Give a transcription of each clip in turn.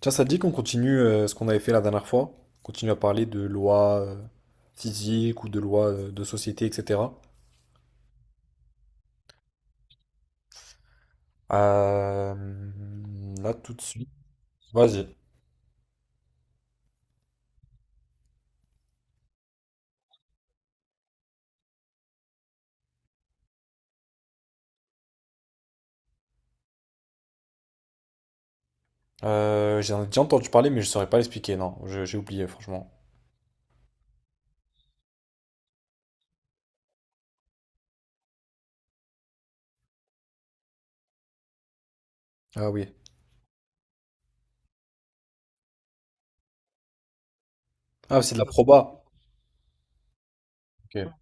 Tiens, ça te dit qu'on continue ce qu'on avait fait la dernière fois? On continue à parler de lois physiques ou de lois de société, etc. Euh, Là, tout de suite. Vas-y. J'en ai déjà entendu parler, mais je saurais pas l'expliquer. Non, j'ai oublié, franchement. Ah oui. Ah, c'est de la proba. Ok.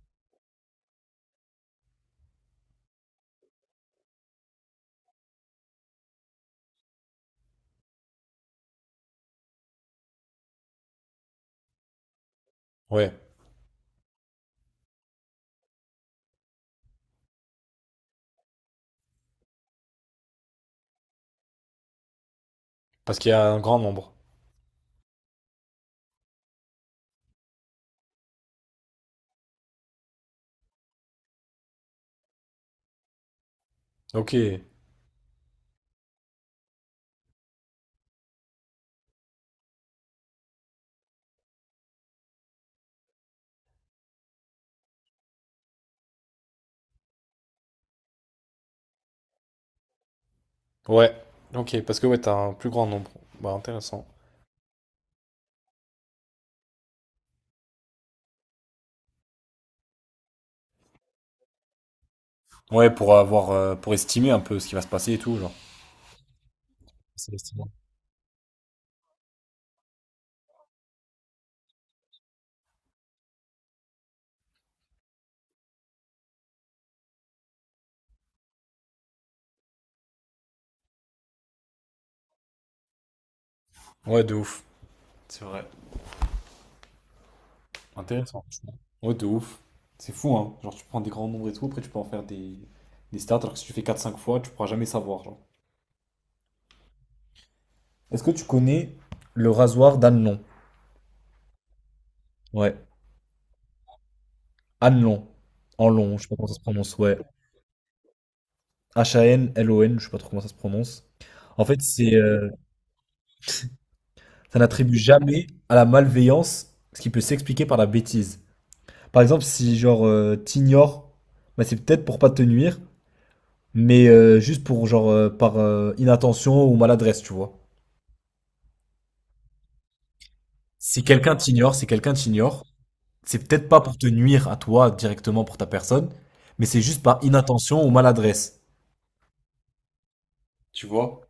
Ouais. Parce qu'il y a un grand nombre. Ok. Ouais. Ok. Parce que ouais, t'as un plus grand nombre. Bah, intéressant. Ouais, pour avoir, pour estimer un peu ce qui va se passer et tout, genre. C'est estimé. Ouais, de ouf. Intéressant. Ouais, de ouf. C'est fou, hein. Genre, tu prends des grands nombres et tout, après, tu peux en faire des stats, alors que si tu fais quatre cinq fois, tu pourras jamais savoir, genre. Est-ce que tu connais le rasoir d'Anlon? Ouais, Anlon. En long, je sais pas comment ça se prononce. Ouais, H-A-N-L-O-N, je sais pas trop comment ça se prononce. En fait, c'est ça n'attribue jamais à la malveillance ce qui peut s'expliquer par la bêtise. Par exemple, si t'ignores, bah, c'est peut-être pour pas te nuire, mais juste pour par inattention ou maladresse, tu vois. Si quelqu'un t'ignore, si quelqu'un t'ignore, c'est peut-être pas pour te nuire à toi directement pour ta personne, mais c'est juste par inattention ou maladresse. Tu vois?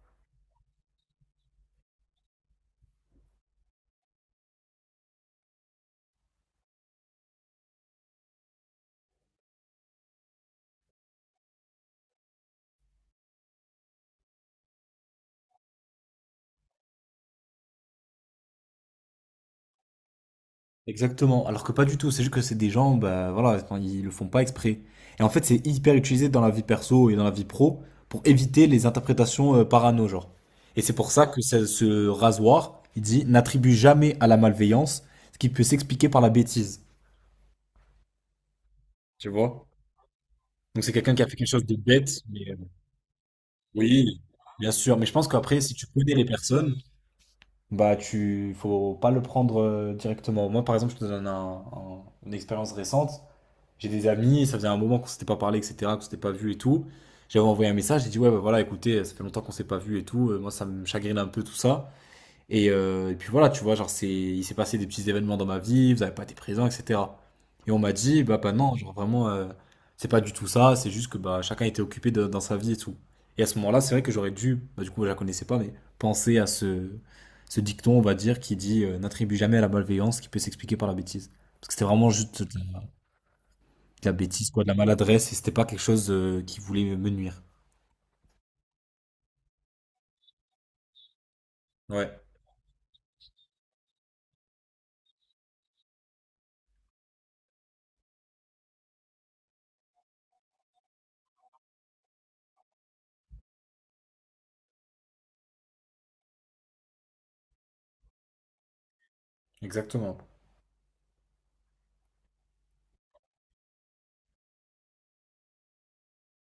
Exactement. Alors que pas du tout, c'est juste que c'est des gens, bah voilà, enfin, ils le font pas exprès. Et en fait, c'est hyper utilisé dans la vie perso et dans la vie pro pour éviter les interprétations parano, genre. Et c'est pour ça que ce rasoir, il dit, n'attribue jamais à la malveillance ce qui peut s'expliquer par la bêtise. Tu vois? Donc c'est quelqu'un qui a fait quelque chose de bête. Oui, bien sûr, mais je pense qu'après, si tu connais les personnes, bah tu faut pas le prendre directement. Moi, par exemple, je te donne une expérience récente. J'ai des amis, ça faisait un moment qu'on s'était pas parlé, etc., qu'on s'était pas vu et tout. J'avais envoyé un message, j'ai dit ouais, bah voilà, écoutez, ça fait longtemps qu'on s'est pas vu et tout. Moi, ça me chagrine un peu tout ça. Et puis voilà, tu vois, il s'est passé des petits événements dans ma vie, vous n'avez pas été présents, etc. Et on m'a dit, bah non, genre vraiment, c'est pas du tout ça, c'est juste que bah, chacun était occupé dans sa vie et tout. Et à ce moment-là, c'est vrai que j'aurais dû, bah, du coup, je la connaissais pas, mais penser à ce dicton, on va dire, qui dit n'attribue jamais à la malveillance qui peut s'expliquer par la bêtise. Parce que c'était vraiment juste de la bêtise, quoi, de la maladresse, et c'était pas quelque chose qui voulait me nuire. Ouais, exactement.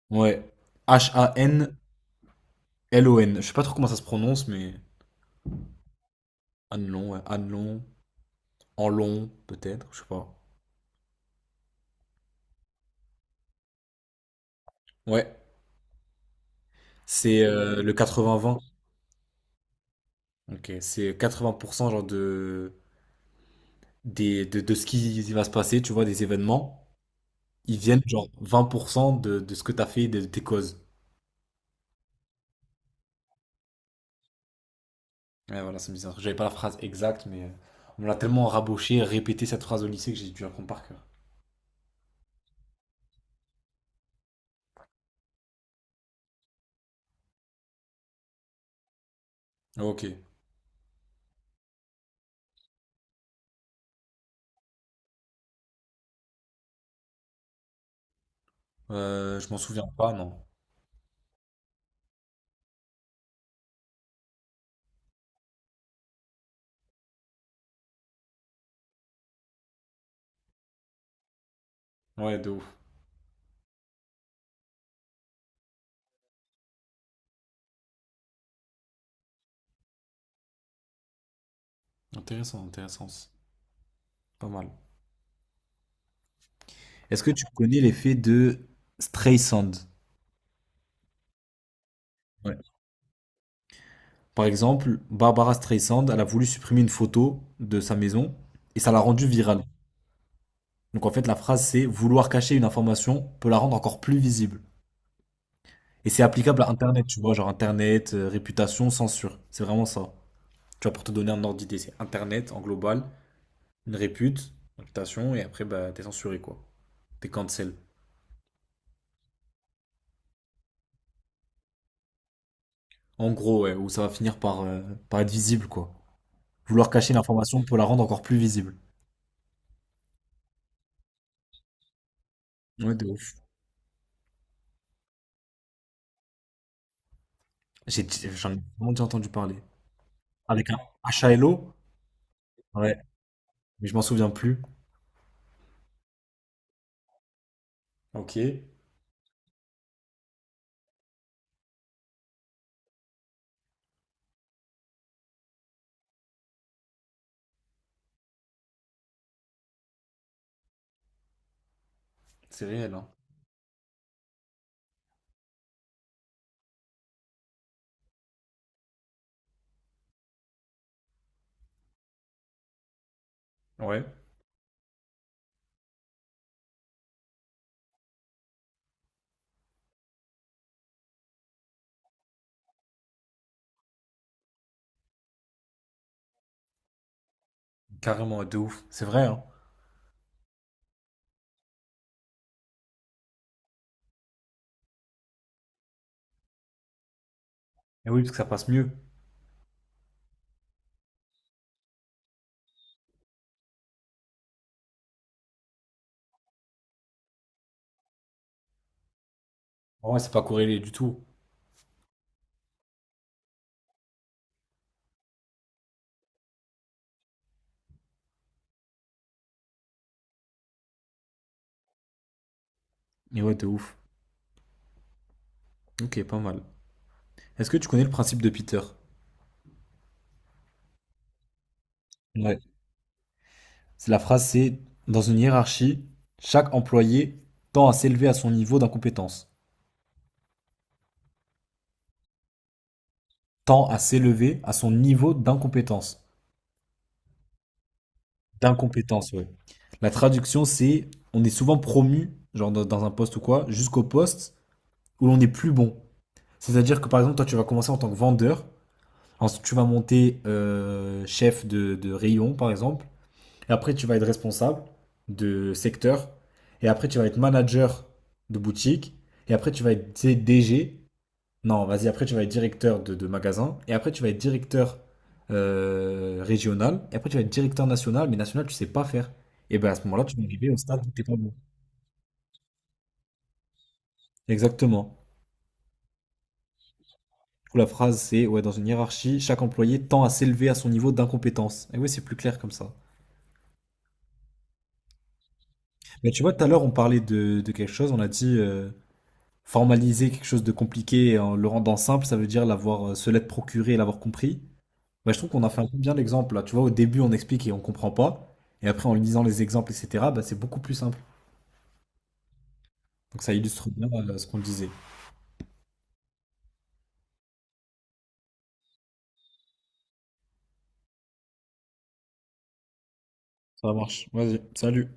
Ouais. H-A-N-L-O-N. Je sais pas trop comment ça se prononce, mais. Annelon, ouais. Annelon, Enlon, peut-être, je sais pas. Ouais, c'est le 80-20. Ok, c'est 80% de ce qui va se passer, tu vois, des événements. Ils viennent genre 20% de ce que t'as fait, de tes causes. Ouais, voilà, c'est bizarre. J'avais pas la phrase exacte, mais on me l'a tellement raboché, répété cette phrase au lycée que j'ai dû apprendre par cœur. Ok. Je m'en souviens pas, non. Ouais, de ouf. Intéressant, intéressant. C'est pas mal. Est-ce que tu connais l'effet de Streisand? Ouais. Par exemple, Barbara Streisand, elle a voulu supprimer une photo de sa maison et ça l'a rendue virale. Donc en fait, la phrase c'est vouloir cacher une information peut la rendre encore plus visible. Et c'est applicable à Internet, tu vois, genre Internet, réputation, censure. C'est vraiment ça. Tu vois, pour te donner un ordre d'idée, c'est Internet en global, une répute, réputation, et après, bah, t'es censuré, quoi. T'es cancel. En gros, ouais, où ça va finir par, par être visible, quoi. Vouloir cacher l'information peut la rendre encore plus visible. Ouais, de ouf. J'ai, j'en ai vraiment déjà entendu parler. Avec un H A L O? Ouais, mais je m'en souviens plus. Ok, c'est réel, hein. Ouais, carrément, de ouf. C'est vrai, hein. Et oui, parce que ça passe mieux. Ouais, c'est pas corrélé du tout. Mais ouais, de ouf. Ok, pas mal. Est-ce que tu connais le principe de Peter? Ouais. C'est la phrase, c'est dans une hiérarchie, chaque employé tend à s'élever à son niveau d'incompétence. Tend à s'élever à son niveau d'incompétence. D'incompétence, ouais. La traduction, c'est on est souvent promu, genre dans un poste ou quoi, jusqu'au poste où l'on est plus bon. C'est-à-dire que par exemple, toi, tu vas commencer en tant que vendeur, ensuite tu vas monter chef de rayon, par exemple, et après tu vas être responsable de secteur, et après tu vas être manager de boutique, et après tu vas être DG, non, vas-y, après tu vas être directeur de magasin, et après tu vas être directeur régional, et après tu vas être directeur national, mais national, tu sais pas faire. Et bien à ce moment-là, tu vas arriver au stade où t'es pas bon. Exactement. Du coup, la phrase, c'est ouais, dans une hiérarchie, chaque employé tend à s'élever à son niveau d'incompétence. Et oui, c'est plus clair comme ça. Mais tu vois, tout à l'heure, on parlait de quelque chose, on a dit formaliser quelque chose de compliqué en le rendant simple, ça veut dire l'avoir, se l'être procuré et l'avoir compris. Bah, je trouve qu'on a fait un peu bien l'exemple là. Tu vois, au début, on explique et on comprend pas. Et après, en lisant les exemples, etc., bah, c'est beaucoup plus simple. Donc ça illustre bien ce qu'on disait. Ça marche. Vas-y, salut.